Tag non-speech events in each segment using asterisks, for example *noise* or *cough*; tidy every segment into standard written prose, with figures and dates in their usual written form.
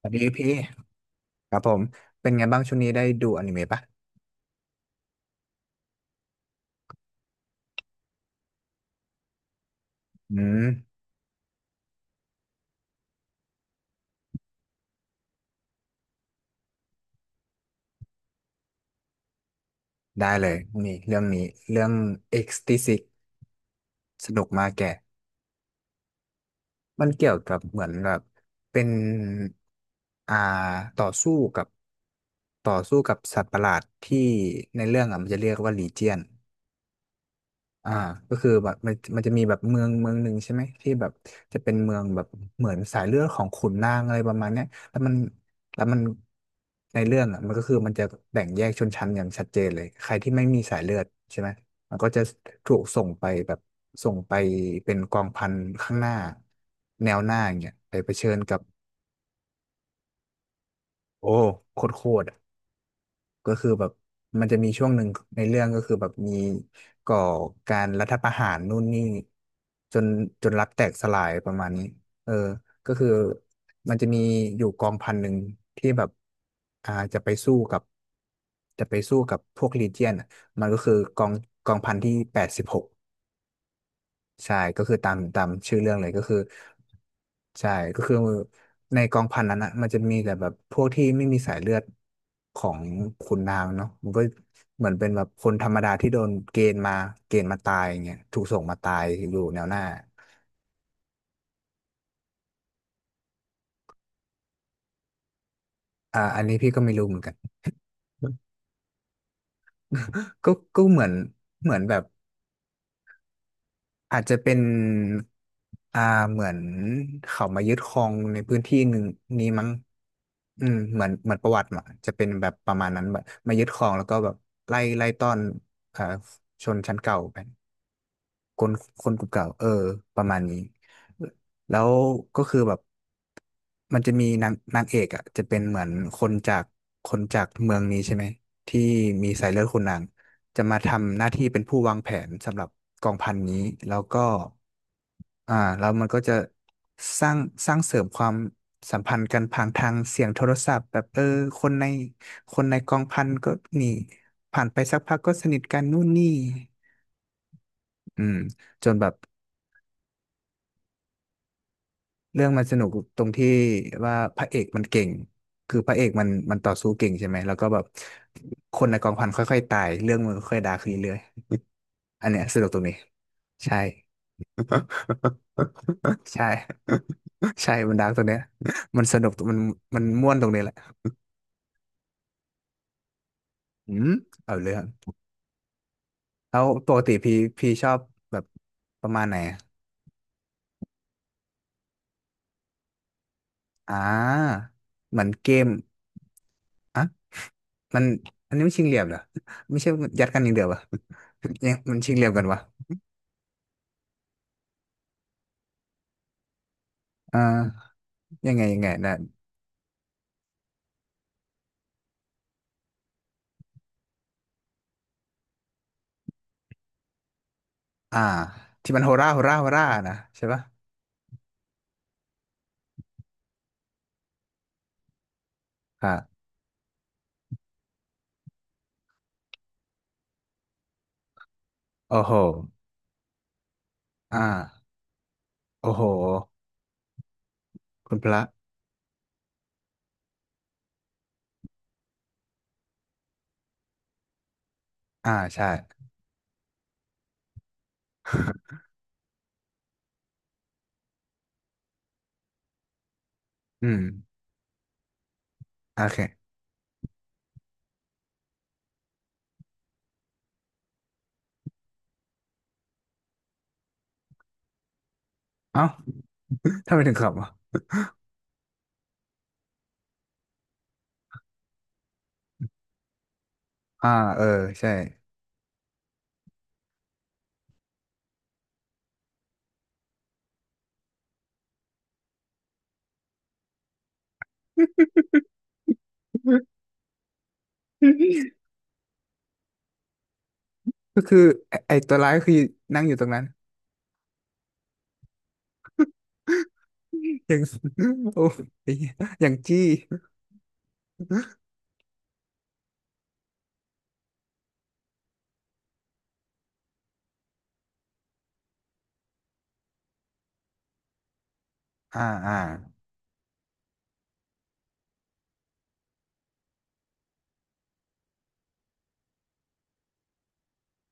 สวัสดีพี่ครับผมเป็นไงบ้างช่วงนี้ได้ดูอนิเมะปะอืมได้เลยนี่เรื่องนี้เรื่อง X-T6 สนุกมากแกมันเกี่ยวกับเหมือนแบบเป็นอ่าต่อสู้กับสัตว์ประหลาดที่ในเรื่องอ่ะมันจะเรียกว่าลีเจียน อ่าก็คือแบบมันจะมีแบบเมืองหนึ่งใช่ไหมที่แบบจะเป็นเมืองแบบเหมือนสายเลือดของขุนนางอะไรประมาณเนี้ยแล้วมันแล้วมันในเรื่องอ่ะมันก็คือมันจะแบ่งแยกชนชั้นอย่างชัดเจนเลยใครที่ไม่มีสายเลือดใช่ไหมมันก็จะถูกส่งไปแบบส่งไปเป็นกองพันข้างหน้าแนวหน้าอย่างเงี้ยไปเผชิญกับโอ้โคตร ก็คือแบบมันจะมีช่วงหนึ่งในเรื่องก็คือแบบมีก่อการรัฐประหารนู่นนี่จนรัฐแตกสลายประมาณนี้เออก็คือมันจะมีอยู่กองพันหนึ่งที่แบบจะไปสู้กับพวกลีเจียนมันก็คือกองพันที่แปดสิบหกใช่ก็คือตามชื่อเรื่องเลยก็คือ ใช่ก็คือในกองพันนั้นอ่ะมันจะมีแต่แบบพวกที่ไม่มีสายเลือดของขุนนางเนาะมันก็เหมือนเป็นแบบคนธรรมดาที่โดนเกณฑ์มาตายอย่างเงี้ยถูกส่งมาตายอยู่แนวหน้าอันนี้พี่ก็ไม่รู้เหมือนกัน *laughs* ก็เหมือนแบบ อาจจะเป็นอ่าเหมือนเขามายึดครองในพื้นที่หนึ่งนี้มั้งอืมเหมือนประวัติมาจะเป็นแบบประมาณนั้นแบบมายึดครองแล้วก็แบบไล่ต้อนอ่าชนชั้นเก่าไปคนคนกลุ่มเก่าเออประมาณนี้แล้วก็คือแบบมันจะมีนางเอกอ่ะจะเป็นเหมือนคนจากคนจากเมืองนี้ใช่ไหมที่มีสายเลือดขุนนางจะมาทำหน้าที่เป็นผู้วางแผนสำหรับกองพันนี้แล้วก็ แล้วมันก็จะสร้างเสริมความสัมพันธ์กันผ่านทางเสียงโทรศัพท์แบบเออคนในคนในกองพันก็นีผ่านไปสักพักก็สนิทกันนู่นนี่อืมจนแบบเรื่องมันสนุกตรงที่ว่าพระเอกมันเก่งคือพระเอกมันต่อสู้เก่งใช่ไหมแล้วก็แบบคนในกองพันค่อยๆตายเรื่องมันค่อยๆดาร์กขึ้นเรื่อยๆอันเนี้ยสนุกตรงนี้ใช่ *laughs* ใช่ใช่มันดาร์กตรงเนี้ยมันสนุกมันม่วนตรงนี้แหละ อืมเอาเลยครับแล้วปกติพี่ชอบแบบประมาณไหนอะอ่าเหมือนเกมอ่ะมันอันนี้มันชิงเหลี่ยมเหรอไม่ใช่ยัดกันอย่างเดียวเหยังมันชิงเหลี่ยมกันวะอ่ายังไงนะอ่าที่มันโฮราโฮรานะใช่ปะอ่าโอ้โหอ่าโอ้โหคุณพระอ่าใช่อืมโอเคเอ้า *laughs* ทำไมถึงขับอ่ะอ่าเออใช่ *laughs* ก็คือไอ้ตัวร้ายคือนั่งอยู่ตรงนั้น อย่าง *laughs* โอ้ยอย่างจี้อ่าอ่า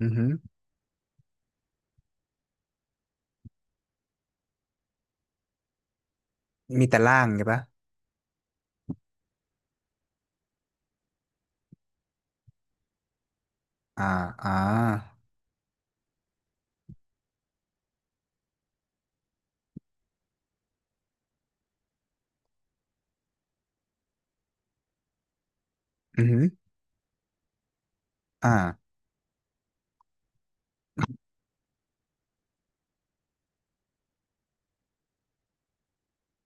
อือหือมีแต่ล่างไงปะอ่าอ่าอือหืออ่า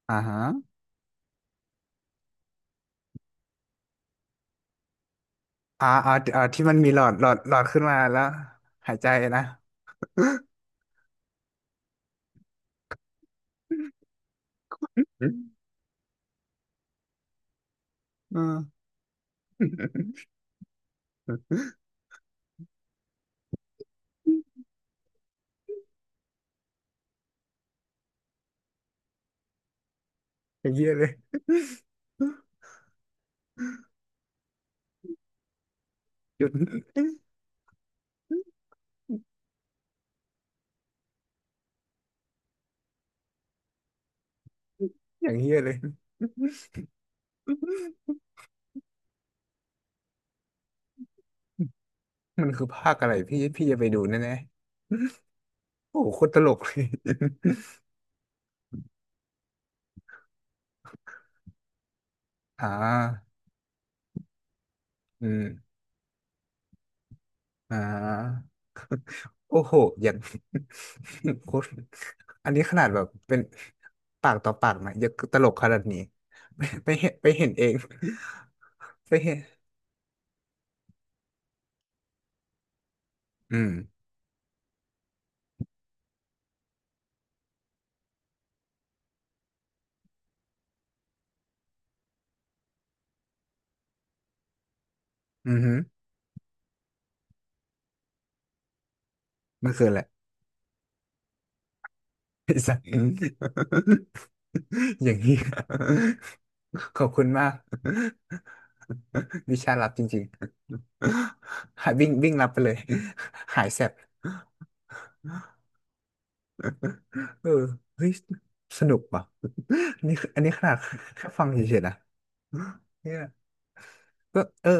อ่าฮะอ่าอ่าที่มันมีหลอดหลอดขึ้นมาแล้วหายใจนะอืมอ่าอย่างเงี้ยเลยหยุดอย่างเงี้ยเลยมันคือภาคอะไรพี่จะไปดูแน่ๆโอ้โหโคตรตลกเลย *laughs* อ่าอืมอ่า โอ้โหอย่าง *laughs* โคตรอันนี้ขนาดแบบเป็นปากต่อปากนะยังตลกขนาดนี้ *laughs* ไปไปเห็นเอง *laughs* ไปเห็น อืม อือหือมันคืออะไร *laughs* ไอ้สัตว์ *laughs* อย่างนี้ *laughs* ขอบคุณมาก วิชาลับจริงๆ *laughs* หายวิ่งวิ่งลับไปเลย *laughs* หายแสบเออเฮ้ย สนุกว่ะนี่คืออันนี้ขนาดแค่ฟังเฉยๆนะ *laughs* เนี่ยก็เออ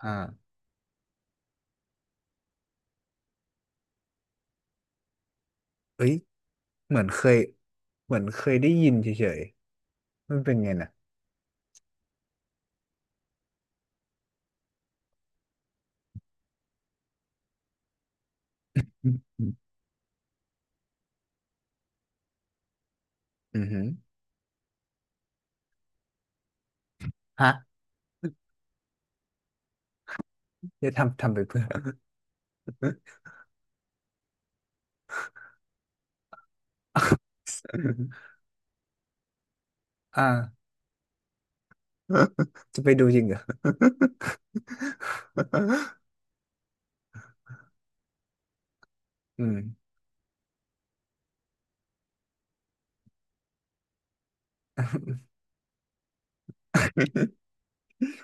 อ่าเอ้ย เหมือนเคยได้ยินเฉยๆมันเป็นไงนะอืมอืมอือหือฮะจะทำทำไปเพื่อ *laughs* อ่าจะไปดูจริงเหรอ *laughs* อืม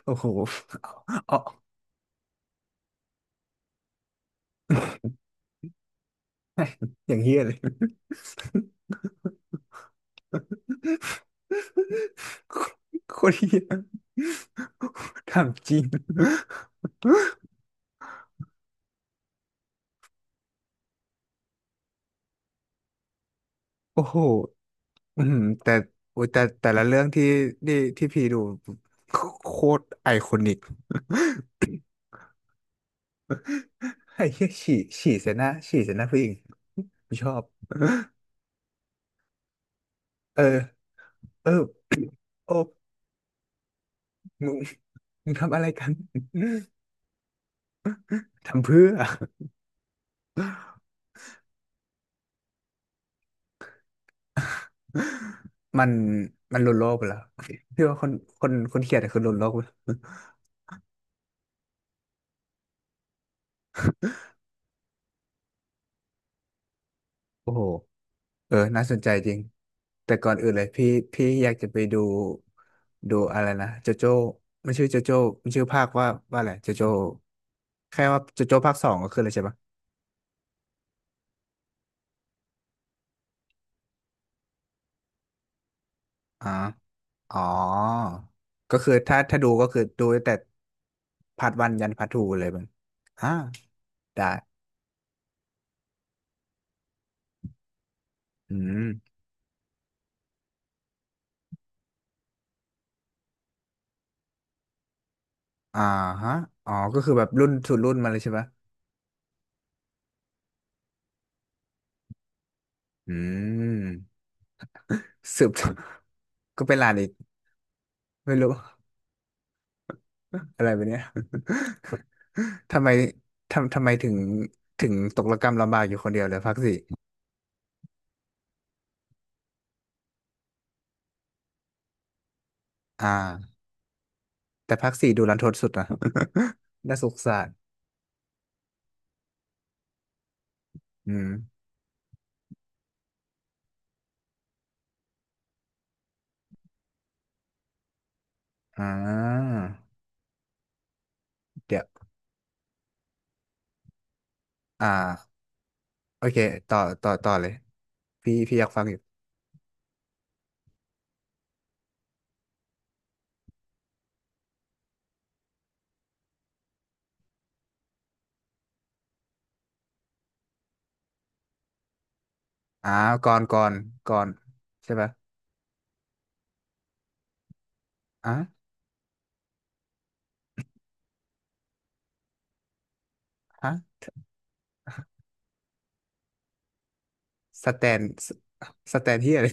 โอ้โหเเอาอย่างเฮี้ยเลย *laughs* โคตรเฮี้ย *laughs* ทำจริงโอ้โหอืมแต่โอ้ยแต่แต่ละเรื่องที่ที่พี่ดูโคตรไอคอนิก ไอ้เหี้ยฉี่เสียหน้าผู้หญิงไมชอบเออเออโอ้มึงทำอะไรกัน *laughs* ทำเพื่อ *laughs* มันมันหลุดโลกไปแล้วพี่ว่าคนคนเขียนอะคือหลุดโลกไป *laughs* แล้วโอ้โหเออน่าสนใจจริงแต่ก่อนอื่นเลยพี่อยากจะไปดูอะไรนะโจโจ้มันชื่อโจโจ้มันชื่อภาคว่าอะไรโจโจ้แค่ว่าโจโจ้ภาคสองก็คืออะไรใช่ปะอ่า อ๋อ ก็คือถ้าดูก็คือดูตั้งแต่พาร์ทวันยันพาร์ททูเลยมันอ่าได้อืมอ่าฮะอ๋อก็คือแบบรุ่นสู่รุ่นมาเลยใช่ปะ อืม สืบ *laughs* ก็เป็นหลานอีกไม่รู้ *laughs* อะไรแบบเนี้ย *laughs* ทำไมทำไมถึงตกระกำลำบากอยู่คนเดียวเลยภาคสี่อ่าแต่ภาคสี่ดูรันทดสุดนะ *laughs* น่าสงสารอืมอ่าเดี๋ยวอ่า โอเคต่อต่อเลยพี่อยากฟังอยู่อ่าก่อนก่อนใช่ปะอ่ะฮะสแตนสสแตนที่อะไร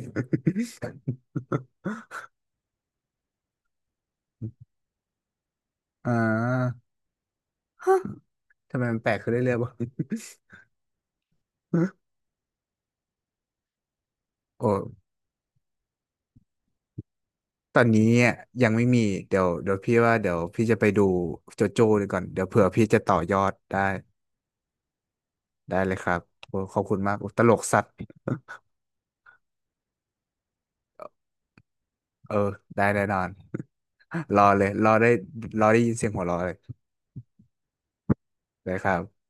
*laughs* อ่าฮะทำไมมันแปลกขึ้นเรื่อยๆวะ *laughs* โอ้ตอนนี้อ่ะยังไม่มีเดี๋ยวพี่ว่าเดี๋ยวพี่จะไปดูโจโจ้ดีก่อนเดี๋ยวเผื่อพี่จะต่อยอดได้ได้เลยครับโอ้ขอบคุณมากโอ้ตลกสัตว์เออได้แน่นอนรอเลยรอได้รอได้ยินเสียงหัวเราะเลยได้ครับ